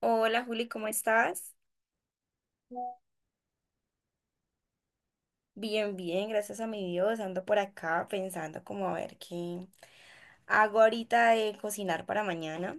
Hola Juli, ¿cómo estás? Bien, bien, gracias a mi Dios. Ando por acá pensando como a ver qué hago ahorita de cocinar para mañana.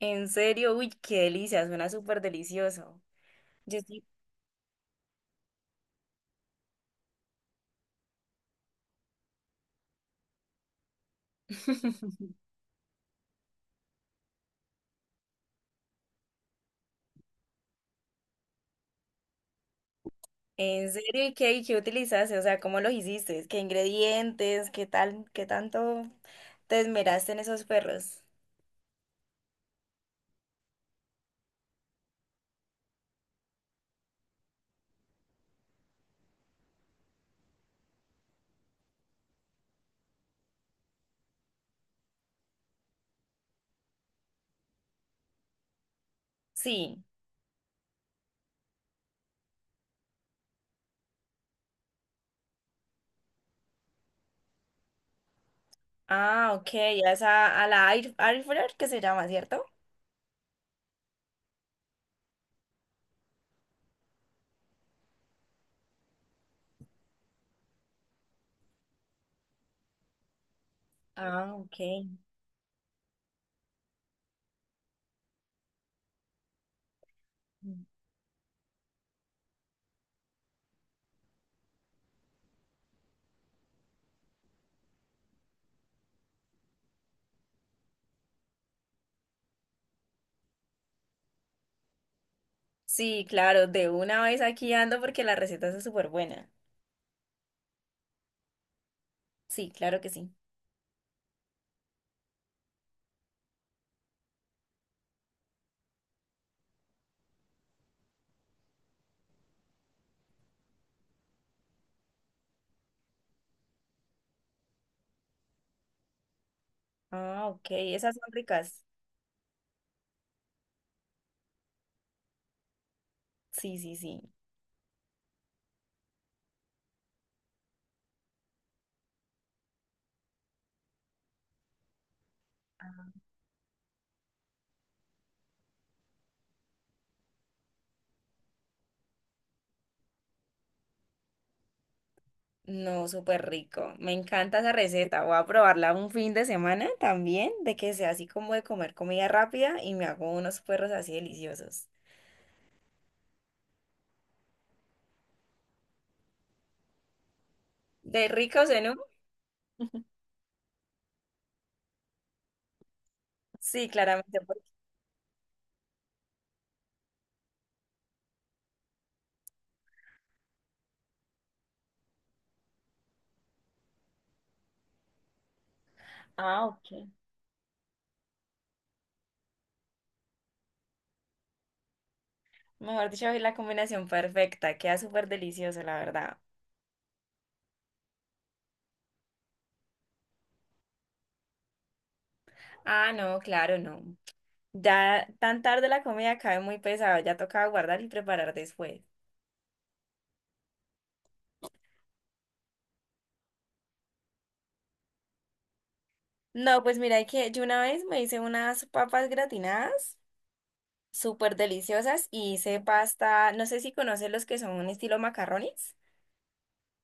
En serio, uy, qué delicia, suena súper delicioso. Yo sí. En serio, ¿y qué utilizaste? O sea, ¿cómo lo hiciste? ¿Qué ingredientes? ¿Qué tal? ¿Qué tanto te esmeraste en esos perros? Sí. Ah, ok, ya es a la air fryer que se llama, ¿cierto? Ah, ok. Sí, claro, de una vez aquí ando porque la receta es súper buena. Sí, claro que sí. Ah, ok, esas son ricas. Sí, sí, sí. No, súper rico. Me encanta esa receta. Voy a probarla un fin de semana también, de que sea así como de comer comida rápida y me hago unos puerros así deliciosos. ¿De ricos en uno? Sí, claramente. Ah, ok. Mejor dicho, es la combinación perfecta. Queda súper delicioso, la verdad. Ah, no, claro, no. Ya tan tarde la comida cae muy pesado, ya tocaba guardar y preparar después. No, pues mira, que yo una vez me hice unas papas gratinadas súper deliciosas y hice pasta, no sé si conoces los que son un estilo macarrones,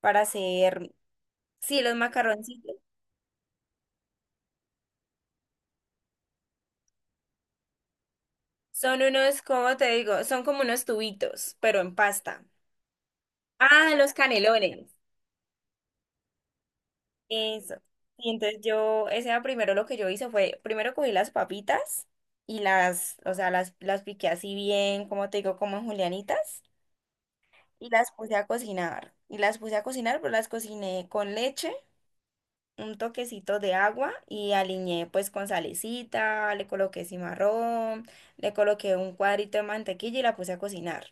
para hacer, sí, los macarroncitos. Son unos, ¿cómo te digo? Son como unos tubitos, pero en pasta. Ah, los canelones. Eso. Y entonces yo, ese era primero lo que yo hice fue, primero cogí las papitas y las, o sea, las piqué así bien, como te digo, como en julianitas, y las puse a cocinar. Y las puse a cocinar, pero las cociné con leche, un toquecito de agua y aliñé pues con salecita, le coloqué cimarrón, le coloqué un cuadrito de mantequilla y la puse a cocinar.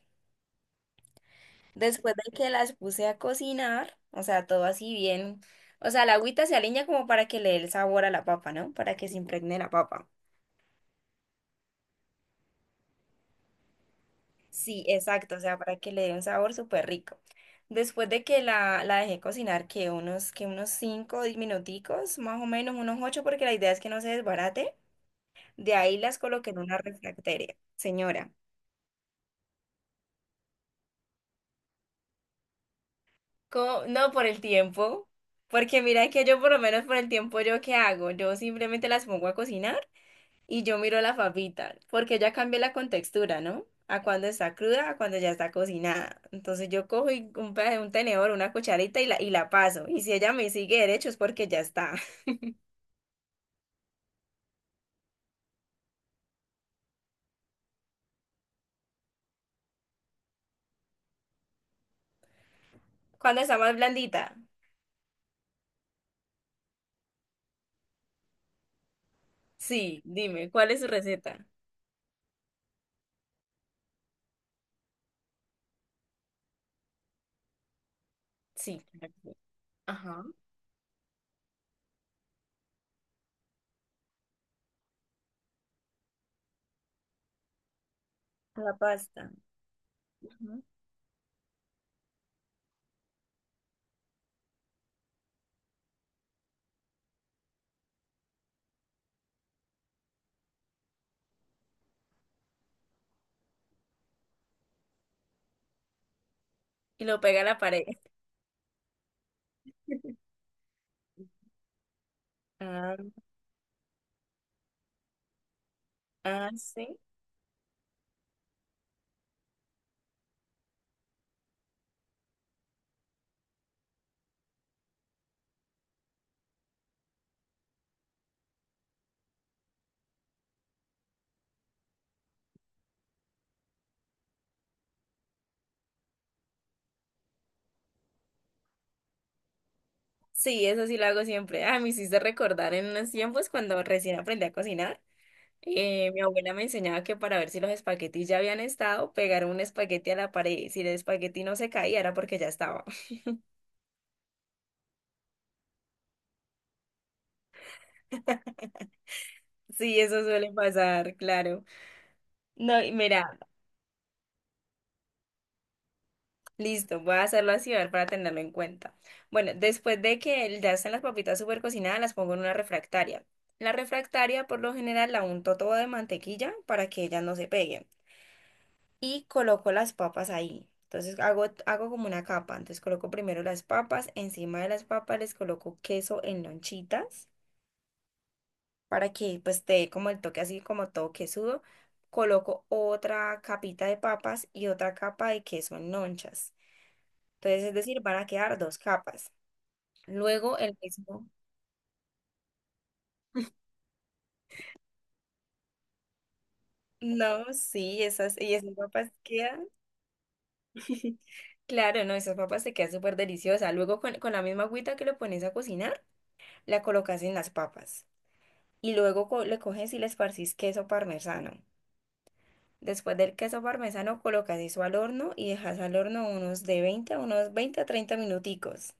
Después de que las puse a cocinar, o sea, todo así bien. O sea, la agüita se aliña como para que le dé el sabor a la papa, ¿no? Para que se impregne la papa. Sí, exacto, o sea, para que le dé un sabor súper rico. Después de que la dejé cocinar, que unos 5 minuticos, más o menos unos 8 porque la idea es que no se desbarate. De ahí las coloqué en una refractaria. Señora, ¿Co? no por el tiempo, porque mira que yo por lo menos por el tiempo, ¿yo qué hago? Yo simplemente las pongo a cocinar. Y yo miro la papita, porque ya cambié la contextura, ¿no? A cuando está cruda, a cuando ya está cocinada. Entonces yo cojo y un tenedor, una cucharita y la paso. Y si ella me sigue derecho es porque ya está. ¿Cuando está más blandita? Sí, dime, ¿cuál es su receta? Sí. Claro que sí. Ajá. La pasta. Ujú. Y lo pega a la pared. Ah, ah, sí. Sí, eso sí lo hago siempre. Ah, me hiciste recordar en unos tiempos cuando recién aprendí a cocinar. Mi abuela me enseñaba que para ver si los espaguetis ya habían estado, pegar un espagueti a la pared, y si el espagueti no se caía, era porque ya estaba. Sí, eso suele pasar, claro. No, y mira, listo, voy a hacerlo así a ver, para tenerlo en cuenta. Bueno, después de que ya están las papitas súper cocinadas, las pongo en una refractaria. La refractaria, por lo general, la unto todo de mantequilla para que ellas no se peguen, y coloco las papas ahí. Entonces hago como una capa. Entonces coloco primero las papas, encima de las papas les coloco queso en lonchitas para que pues te dé como el toque así como todo quesudo. Coloco otra capita de papas y otra capa de queso en lonchas. Entonces, es decir, van a quedar dos capas. Luego el queso. No, sí, esas, y esas papas quedan. Claro, no, esas papas te quedan súper deliciosas. Luego con la misma agüita que lo pones a cocinar, la colocas en las papas. Y luego le coges y le esparcís queso parmesano. Después del queso parmesano colocas eso al horno y dejas al horno unos de 20 a unos 20 a 30 minuticos.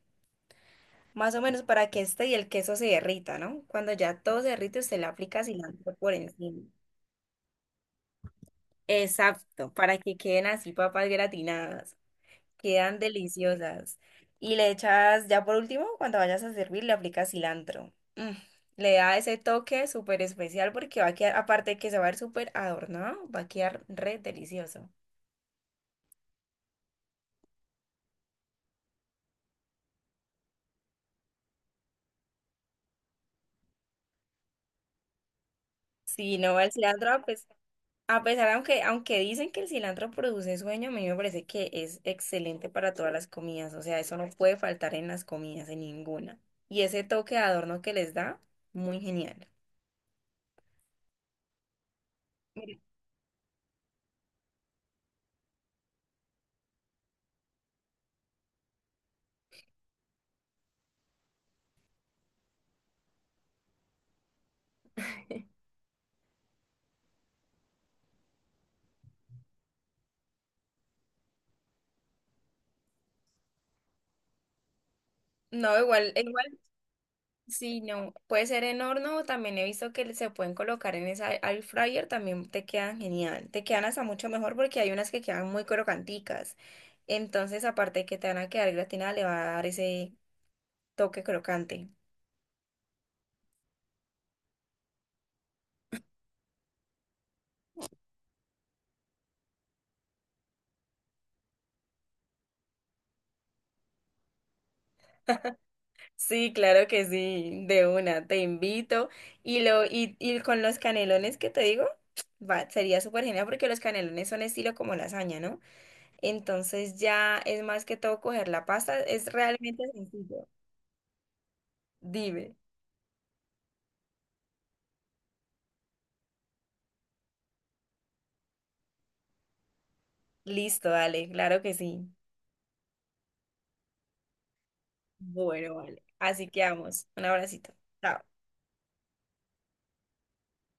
Más o menos para que este y el queso se derrita, ¿no? Cuando ya todo se derrite, usted le aplica cilantro por encima. Exacto, para que queden así papas gratinadas. Quedan deliciosas. Y le echas, ya por último, cuando vayas a servir, le aplicas cilantro. Mm. Le da ese toque súper especial porque va a quedar, aparte de que se va a ver súper adornado, va a quedar re delicioso. Si no va el cilantro, a pesar, aunque dicen que el cilantro produce sueño, a mí me parece que es excelente para todas las comidas. O sea, eso no puede faltar en las comidas, en ninguna. Y ese toque de adorno que les da, muy genial. Mira, no, igual, igual. Sí, no, puede ser en horno, o también he visto que se pueden colocar en esa air fryer, también te quedan genial, te quedan hasta mucho mejor porque hay unas que quedan muy crocanticas, entonces aparte de que te van a quedar gratinadas, le va a dar ese toque crocante. Sí, claro que sí, de una, te invito, y con los canelones que te digo, va, sería súper genial porque los canelones son estilo como lasaña, ¿no? Entonces ya es más que todo coger la pasta, es realmente sencillo, dime. Listo, dale, claro que sí. Bueno, vale. Así que vamos. Un abracito. Chao.